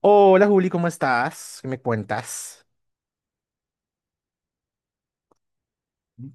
Hola Juli, ¿cómo estás? ¿Qué me cuentas?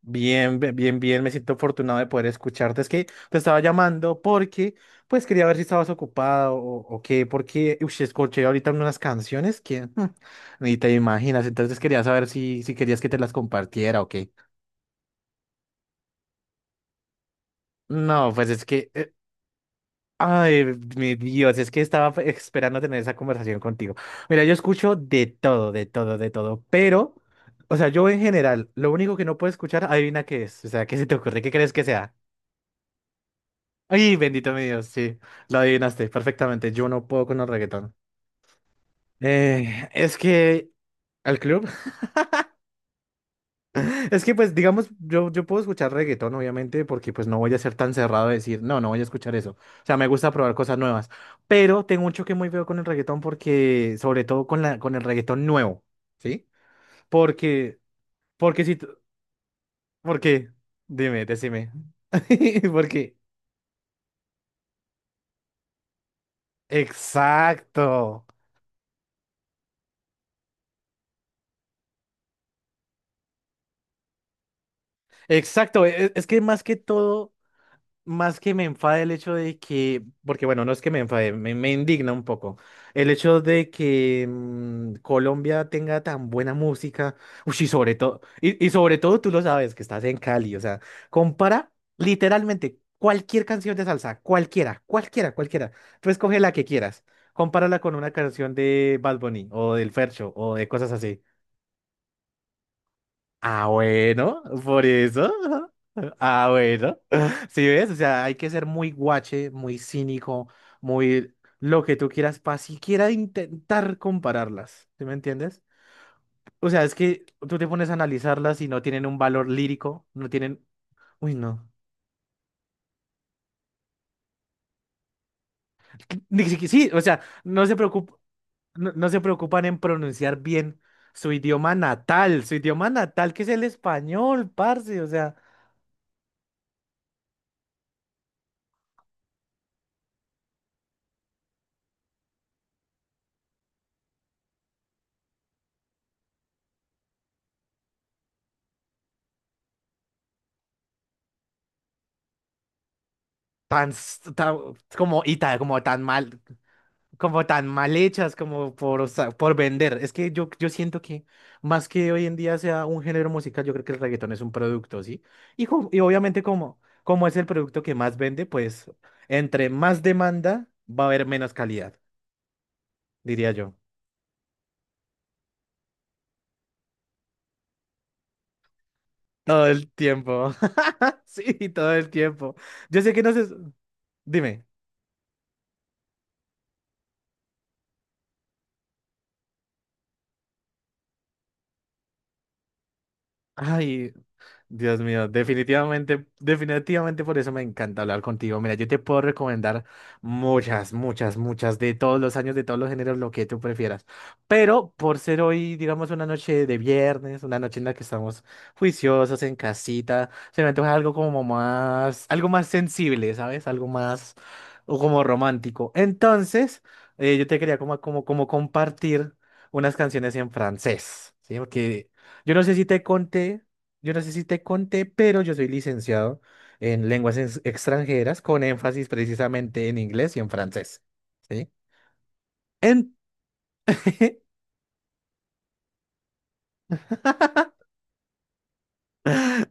Bien, bien, bien, me siento afortunado de poder escucharte. Es que te estaba llamando porque, pues, quería ver si estabas ocupada o qué, porque, uy, escuché ahorita unas canciones que ni te imaginas, entonces quería saber si querías que te las compartiera o qué. No, pues es que ay, mi Dios, es que estaba esperando tener esa conversación contigo. Mira, yo escucho de todo, de todo, de todo, pero, o sea, yo en general, lo único que no puedo escuchar, adivina qué es. O sea, ¿qué se te ocurre? ¿Qué crees que sea? Ay, bendito mi Dios, sí, lo adivinaste perfectamente. Yo no puedo con el reggaetón. Es que al club. Es que pues digamos, yo puedo escuchar reggaetón obviamente porque pues no voy a ser tan cerrado de decir, no, no voy a escuchar eso. O sea, me gusta probar cosas nuevas, pero tengo un choque muy feo con el reggaetón porque, sobre todo con la, con el reggaetón nuevo, ¿sí? Porque, porque si, tú- porque, dime, decime, porque, exacto, exacto, es que más que todo, más que me enfade el hecho de que, porque bueno, no es que me enfade, me indigna un poco. El hecho de que Colombia tenga tan buena música, ush, y sobre todo, y sobre todo tú lo sabes, que estás en Cali, o sea, compara literalmente cualquier canción de salsa, cualquiera, cualquiera, cualquiera. Tú escoge la que quieras, compárala con una canción de Bad Bunny o del Fercho o de cosas así. Ah, bueno, por eso. Ah, bueno. Sí, ves, o sea, hay que ser muy guache, muy cínico, muy lo que tú quieras para siquiera intentar compararlas. ¿Sí me entiendes? O sea, es que tú te pones a analizarlas y no tienen un valor lírico, no tienen. Uy, no. Ni siqui- sí, o sea, no, no se preocupan en pronunciar bien su idioma natal que es el español, parce, o sea, tan, tan, como, como tan mal. Como tan mal hechas como por, o sea, por vender. Es que yo siento que más que hoy en día sea un género musical, yo creo que el reggaetón es un producto, ¿sí? Y, y obviamente como, como es el producto que más vende, pues entre más demanda va a haber menos calidad, diría yo. Todo el tiempo. Sí, todo el tiempo. Yo sé que no se... Dime. Ay. Dios mío, definitivamente, definitivamente por eso me encanta hablar contigo. Mira, yo te puedo recomendar muchas, muchas, muchas de todos los años, de todos los géneros, lo que tú prefieras. Pero por ser hoy, digamos, una noche de viernes, una noche en la que estamos juiciosos en casita, se me antoja algo como más, algo más sensible, ¿sabes? Algo más o como romántico. Entonces, yo te quería como compartir unas canciones en francés, ¿sí? Porque yo no sé si te conté. Yo no sé si te conté, pero yo soy licenciado en lenguas extranjeras con énfasis precisamente en inglés y en francés. ¿Sí? En-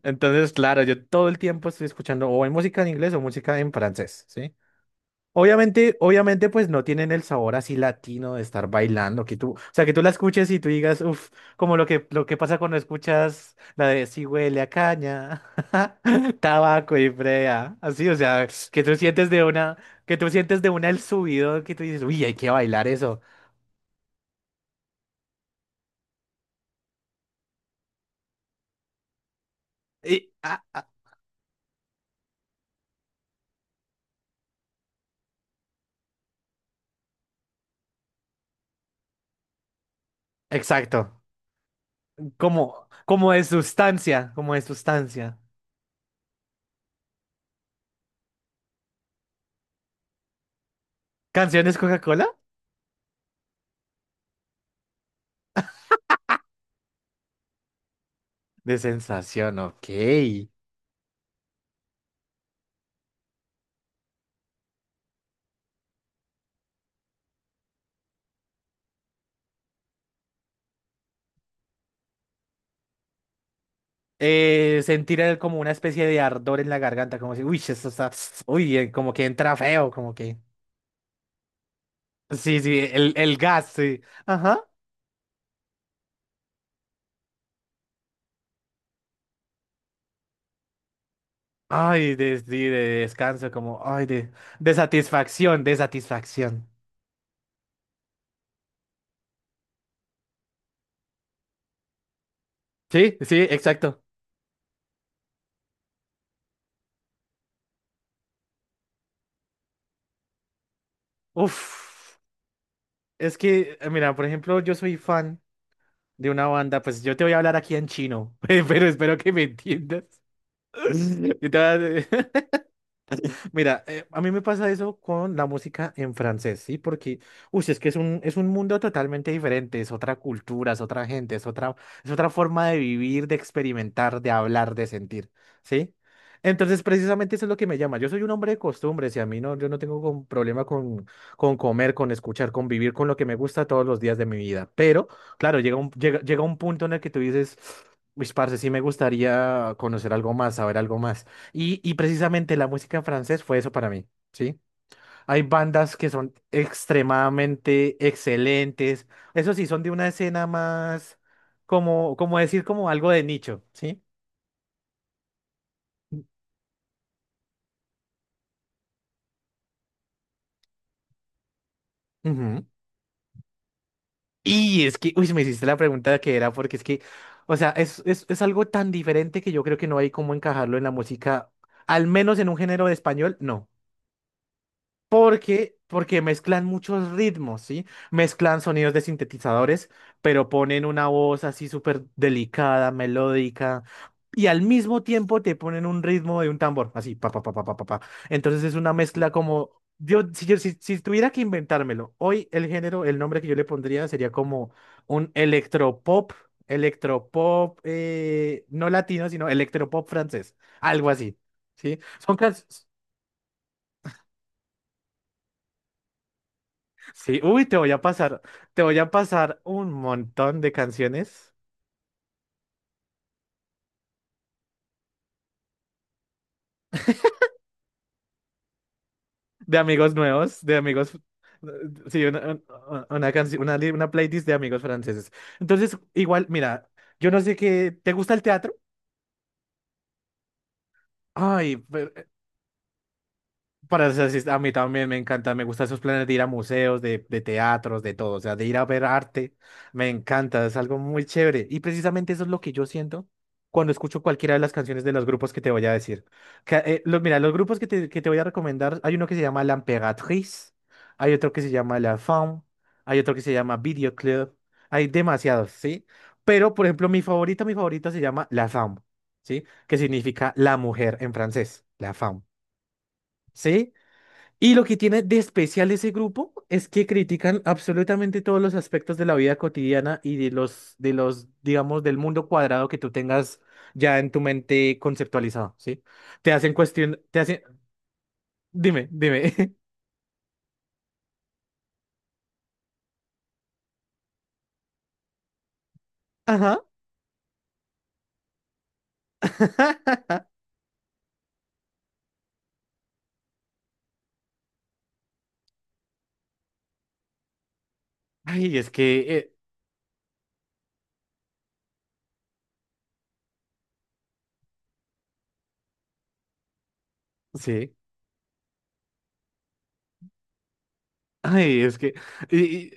Entonces, claro, yo todo el tiempo estoy escuchando o en música en inglés o música en francés, ¿sí? Obviamente, obviamente, pues no tienen el sabor así latino de estar bailando, que tú, o sea, que tú la escuches y tú digas, uff, como lo que pasa cuando escuchas la de si huele a caña, tabaco y frea, así, o sea, que tú sientes de una, que tú sientes de una el subido, que tú dices, uy, hay que bailar eso. Y, ah, ah, exacto, como, como de sustancia, como de sustancia. ¿Canciones Coca-Cola? De sensación, ok. Sentir el- como una especie de ardor en la garganta, como si, uy, esto está, uy, como que entra feo, como que. Sí, sí, el gas, sí. Ajá. Ay, de, sí, de descanso, como, ay, de satisfacción, de satisfacción. Sí, sí, exacto. Uf, es que, mira, por ejemplo, yo soy fan de una banda, pues yo te voy a hablar aquí en chino, pero espero que me entiendas. Yo te voy a- Mira, a mí me pasa eso con la música en francés, ¿sí? Porque, uy, es que es un mundo totalmente diferente, es otra cultura, es otra gente, es otra forma de vivir, de experimentar, de hablar, de sentir, ¿sí? Entonces, precisamente eso es lo que me llama. Yo soy un hombre de costumbres y a mí no, yo no tengo problema con comer, con escuchar, con vivir con lo que me gusta todos los días de mi vida. Pero, claro, llega un punto en el que tú dices, uy, parce, sí me gustaría conocer algo más, saber algo más. Y precisamente la música en francés fue eso para mí, ¿sí? Hay bandas que son extremadamente excelentes. Eso sí, son de una escena más, como, como decir, como algo de nicho, ¿sí? Ujú. Y es que, uy, me hiciste la pregunta que era, porque es que, o sea, es algo tan diferente que yo creo que no hay cómo encajarlo en la música, al menos en un género de español, no. Porque, porque mezclan muchos ritmos, ¿sí? Mezclan sonidos de sintetizadores, pero ponen una voz así súper delicada, melódica, y al mismo tiempo te ponen un ritmo de un tambor, así, pa, pa, pa, pa, pa, pa, pa. Entonces es una mezcla como, yo, si, si tuviera que inventármelo, hoy el género, el nombre que yo le pondría sería como un electropop, electropop, no latino, sino electropop francés, algo así, ¿sí? Son canciones... Sí, uy, te voy a pasar un montón de canciones de amigos nuevos, de amigos, sí, una, una, una, una playlist de amigos franceses. Entonces, igual, mira, yo no sé qué, ¿te gusta el teatro? Ay, pues, para ser así, a mí también me encanta, me gustan esos planes de ir a museos, de teatros, de todo, o sea, de ir a ver arte, me encanta, es algo muy chévere. Y precisamente eso es lo que yo siento cuando escucho cualquiera de las canciones de los grupos que te voy a decir. Que, los, mira, los grupos que te voy a recomendar, hay uno que se llama La Emperatriz, hay otro que se llama La Femme, hay otro que se llama Video Club, hay demasiados, ¿sí? Pero, por ejemplo, mi favorita se llama La Femme, ¿sí? Que significa la mujer en francés, La Femme. ¿Sí? Y lo que tiene de especial ese grupo es que critican absolutamente todos los aspectos de la vida cotidiana y de los, digamos, del mundo cuadrado que tú tengas ya en tu mente conceptualizado, ¿sí? Te hacen cuestión, te hacen, dime, dime. Ajá. Ay, es que, sí. Ay, es que, y,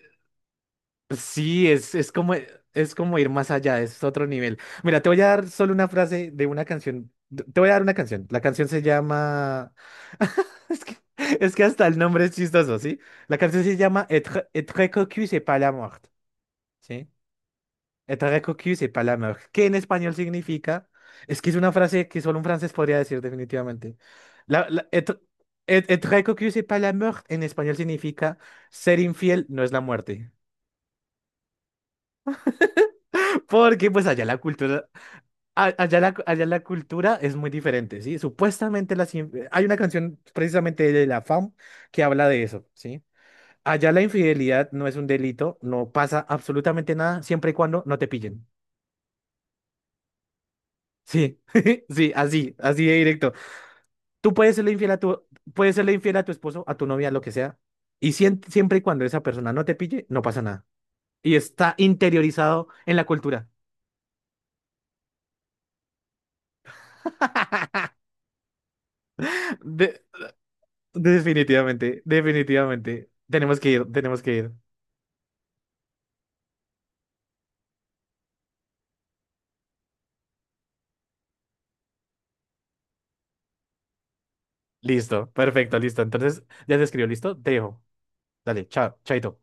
sí, es como ir más allá, es otro nivel. Mira, te voy a dar solo una frase de una canción. Te voy a dar una canción. La canción se llama... Es que, es que hasta el nombre es chistoso, ¿sí? La canción se llama Être, être cocu, c'est pas la mort, ¿sí? Être cocu, c'est pas la mort. ¿Qué en español significa... Es que es una frase que solo un francés podría decir definitivamente. La, être, être cocu, c'est pas la mort en español significa ser infiel no es la muerte. Porque pues allá la cultura, allá la, allá la cultura es muy diferente, ¿sí? Supuestamente hay una canción precisamente de la FAM que habla de eso, ¿sí? Allá la infidelidad no es un delito, no pasa absolutamente nada siempre y cuando no te pillen. Sí, sí, así, así de directo. Tú puedes serle infiel a tu, puedes serle infiel a tu esposo, a tu novia, lo que sea, y siempre y cuando esa persona no te pille, no pasa nada. Y está interiorizado en la cultura. De- definitivamente, definitivamente. Tenemos que ir, tenemos que ir. Listo, perfecto, listo. Entonces, ya se escribió, listo. Dejo. Dale, chao, chaito.